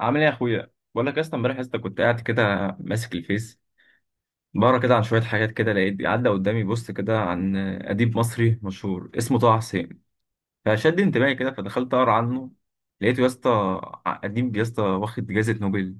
عامل ايه يا اخويا، بقول لك اصلا امبارح يا اسطى كنت قاعد كده، ماسك الفيس، بقرا كده عن شويه حاجات كده، لقيت عدى قدامي بوست كده عن اديب مصري مشهور اسمه طه حسين، فشد انتباهي كده، فدخلت اقرا عنه. لقيته يا اسطى اديب يا اسطى واخد جائزه نوبل،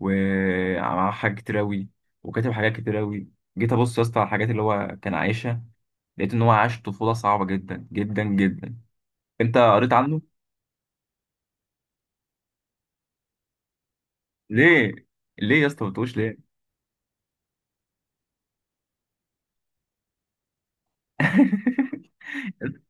ومعاه حاجات كتير اوي، وكاتب حاجات كتير اوي. جيت ابص يا اسطى على الحاجات اللي هو كان عايشها، لقيت ان هو عاش طفوله صعبه جدا جدا جدا. انت قريت عنه؟ ليه؟ ليه يا اسطى ما بتقولش ليه؟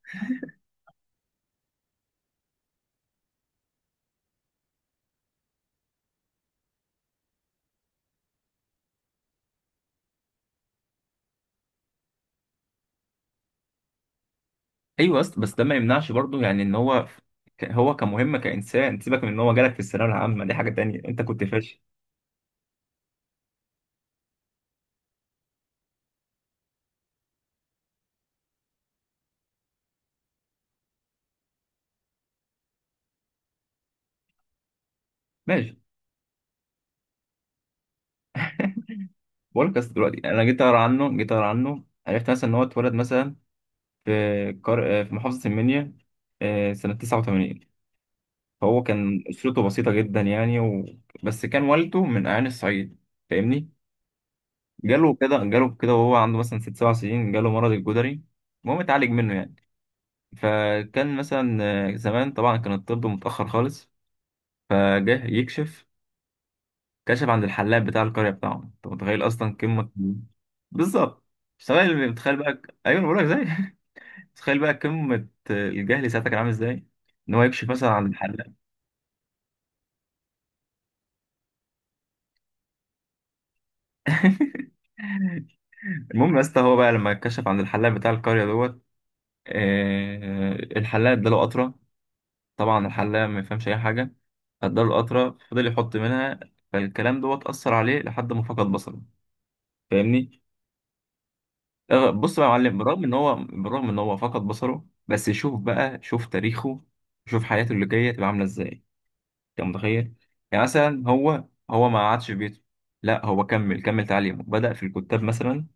ايوه بس ده ما يمنعش برضه، يعني ان هو هو كمهمه كانسان، سيبك من ان هو جالك في الثانويه العامه، دي حاجه تانية، انت كنت فاشل. ماشي، بقول لك أصل دلوقتي انا جيت اقرا عنه عرفت مثلا ان هو اتولد مثلا في في محافظه المنيا، سنه 89. فهو كان اسرته بسيطه جدا يعني، بس كان والده من اعيان الصعيد، فاهمني؟ جاله كده، جاله كده وهو عنده مثلا ست سبع سنين جاله مرض الجدري. المهم اتعالج منه يعني، فكان مثلا، زمان طبعا كان الطب متاخر خالص، فجه يكشف، كشف عند الحلاق بتاع القرية بتاعهم. انت متخيل اصلا؟ قمة. بالظبط. مش متخيل؟ متخيل بقى؟ ايوه انا بقول لك، زي. متخيل بقى قمة الجهل ساعتها كان عامل ازاي؟ ان هو يكشف مثلا عند الحلاق. المهم يا اسطى هو بقى لما كشف عند الحلاق بتاع القرية دوت، آه الحلاق اداله قطرة. طبعا الحلاق ما يفهمش اي حاجة، اداله قطرة فضل يحط منها، فالكلام دوت أثر عليه لحد ما فقد بصره، فاهمني؟ بص بقى يا معلم، بالرغم ان هو فقد بصره، بس شوف بقى، شوف تاريخه، شوف حياته اللي جايه تبقى عامله ازاي. انت متخيل؟ يعني مثلا هو ما قعدش في بيته، لا هو كمل كمل تعليمه، بدأ في الكتاب مثلا،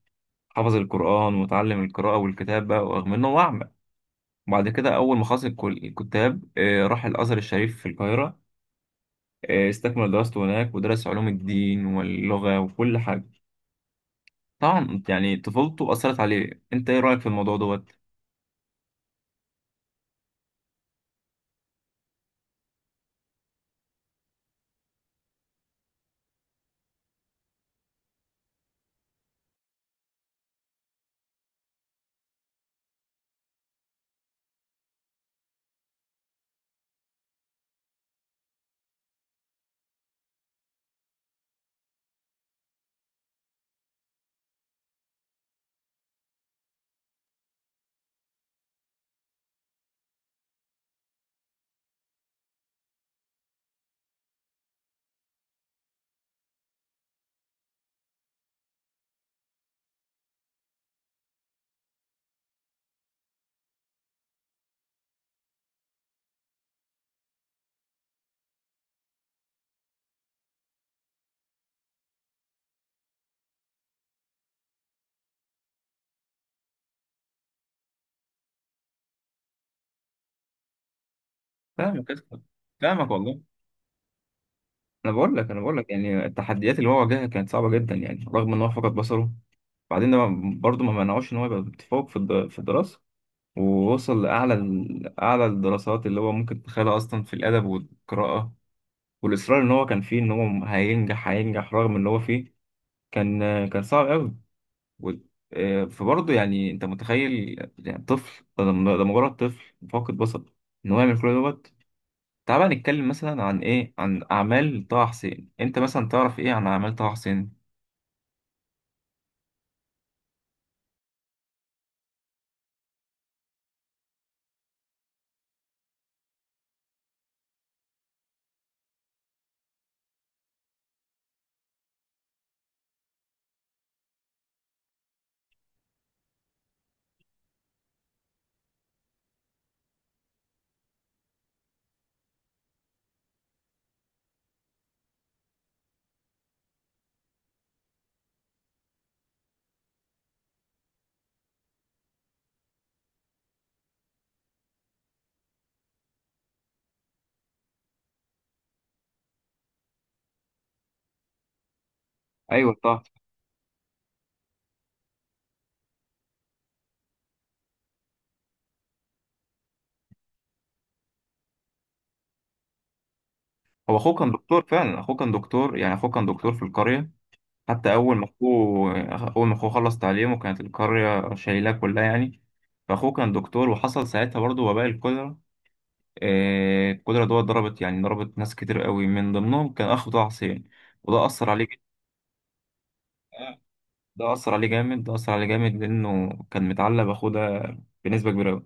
حفظ القرآن وتعلم القراءة والكتابة ورغم انه هو أعمى. بعد كده أول ما خلص الكتاب، راح الأزهر الشريف في القاهرة، استكمل دراسته هناك، ودرس علوم الدين واللغة وكل حاجة. طبعا يعني طفولته أثرت عليه، انت ايه رأيك في الموضوع دوت؟ فاهمك يا اسطى. فاهمك والله. انا بقول لك يعني التحديات اللي هو واجهها كانت صعبه جدا، يعني رغم ان هو فقد بصره، بعدين ده برضه ما منعوش ان هو يبقى متفوق في في الدراسه، ووصل لاعلى اعلى الدراسات اللي هو ممكن تتخيلها اصلا في الادب والقراءه، والاصرار ان هو كان فيه ان هو هينجح هينجح رغم ان هو فيه، كان كان صعب قوي و- فبرضه يعني انت متخيل؟ يعني طفل ده، ده مجرد طفل فاقد بصر ان هو يعمل كل دوت. تعال بقى نتكلم مثلا عن ايه، عن اعمال طه حسين، انت مثلا تعرف ايه عن اعمال طه حسين؟ ايوه طه. هو اخوه كان دكتور فعلا، اخوه كان دكتور يعني، اخوه كان دكتور في القريه، حتى اول ما اخوه خلص تعليمه كانت القريه شايلاه كلها يعني. فاخوه كان دكتور، وحصل ساعتها برضه وباء الكوليرا، الكوليرا دوت ضربت، يعني ضربت ناس كتير قوي من ضمنهم كان اخو طه حسين، وده اثر عليه جدا. ده أثر عليه جامد، ده أثر عليه جامد لأنه كان متعلق بأخوه ده بنسبة كبيرة أوي.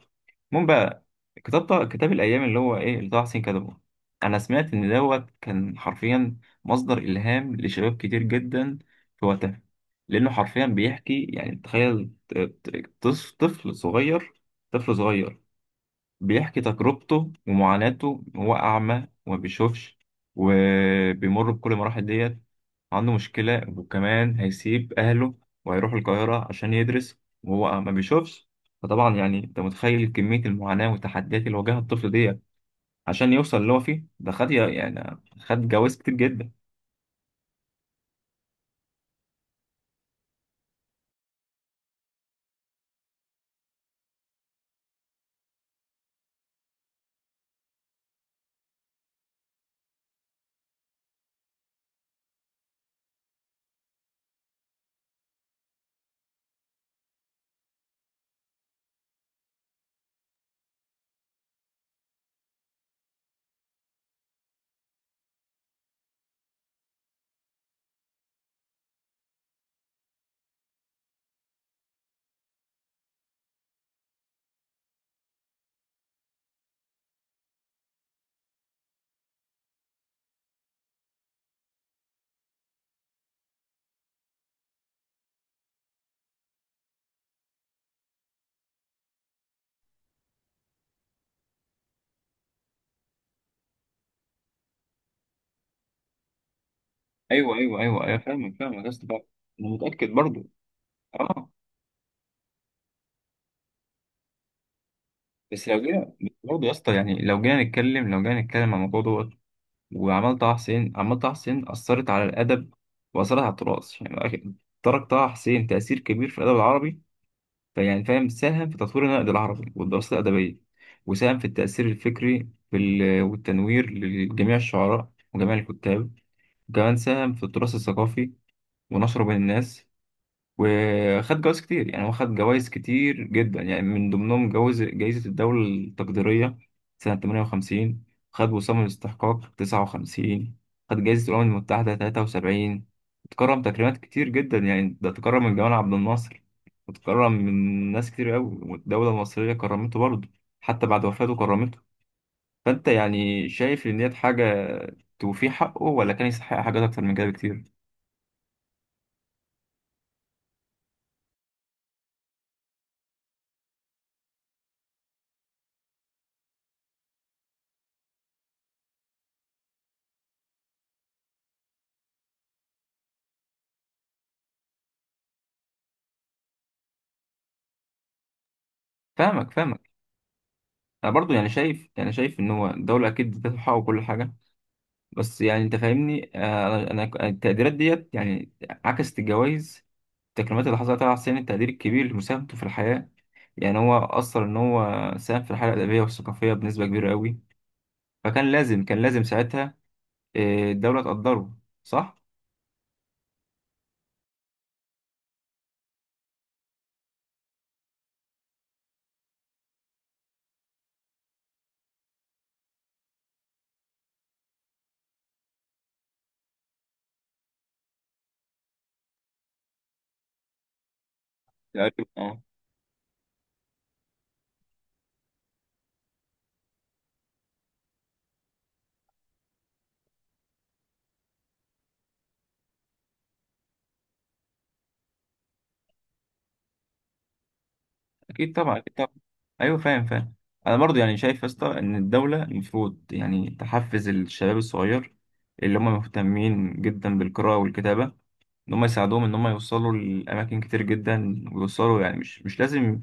المهم بقى، كتاب الأيام اللي هو إيه اللي طه حسين كتبه، أنا سمعت إن دوت كان حرفيا مصدر إلهام لشباب كتير جدا في وقتها، لأنه حرفيا بيحكي يعني. تخيل طفل صغير بيحكي تجربته ومعاناته، هو أعمى وما بيشوفش، وبيمر بكل المراحل ديت، عنده مشكلة وكمان هيسيب أهله وهيروح القاهرة عشان يدرس وهو ما بيشوفش. فطبعا يعني أنت متخيل كمية المعاناة والتحديات اللي واجهها الطفل ديت عشان يوصل اللي هو فيه ده، خد يعني، خد جواز كتير جدا. أيوه، أيوه، أيوه، أيوه، فاهمك، فاهمك يا اسطى، فاهمك. أنا متأكد برضه. أه. بس لو جينا برضه يا اسطى يعني، لو جينا نتكلم عن الموضوع دوت وعمل طه حسين، عمل طه حسين أثرت على الأدب وأثرت على التراث يعني، ترك طه حسين تأثير كبير في الأدب العربي، فيعني فاهم، ساهم في تطوير النقد العربي والدراسات الأدبية، وساهم في التأثير الفكري في والتنوير لجميع الشعراء وجميع الكتاب، وكمان ساهم في التراث الثقافي ونشره بين الناس، وخد جوائز كتير يعني، هو خد جوائز كتير جدا يعني، من ضمنهم جوائز جائزة الدولة التقديرية سنة 58، خد وسام الاستحقاق 59، خد جائزة الأمم المتحدة 73. اتكرم تكريمات كتير جدا يعني، ده اتكرم من جمال عبد الناصر، واتكرم من ناس كتير قوي، والدولة المصرية كرمته برضه حتى بعد وفاته كرمته. فأنت يعني شايف إن ديت حاجة توفيه حقه، ولا كان يستحق حاجات أكتر من كده بكتير؟ فاهمك فاهمك. انا برضو يعني شايف، يعني شايف ان هو الدوله اكيد ذات الحق وكل حاجه، بس يعني انت فاهمني، انا التقديرات ديت يعني عكست الجوائز، التكريمات اللي حصلت على حسين التقدير الكبير لمساهمته في الحياه، يعني هو اثر ان هو ساهم في الحياه الادبيه والثقافيه بنسبه كبيره قوي، فكان لازم، كان لازم ساعتها الدوله تقدره، صح؟ تقريبا اه. اكيد طبعا، اكيد طبعا. ايوه فاهم، فاهم. انا برضو يعني شايف يا اسطى ان الدوله المفروض يعني تحفز الشباب الصغير اللي هم مهتمين جدا بالقراءه والكتابه، ان هم يساعدوهم ان هم يوصلوا لاماكن كتير جدا، ويوصلوا يعني، مش لازم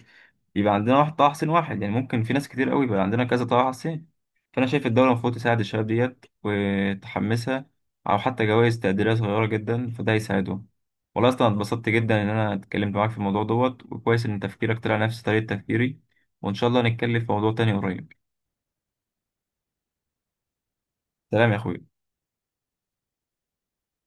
يبقى عندنا واحد طه حسين، واحد يعني ممكن في ناس كتير قوي، يبقى عندنا كذا طه حسين. فانا شايف الدوله المفروض تساعد الشباب ديت وتحمسها، او حتى جوائز تقديريه صغيره جدا، فده يساعدهم. والله اصلا اتبسطت جدا ان انا اتكلمت معاك في الموضوع دوت، وكويس ان تفكيرك طلع نفس طريقه تفكيري، وان شاء الله نتكلم في موضوع تاني قريب. سلام يا اخوي.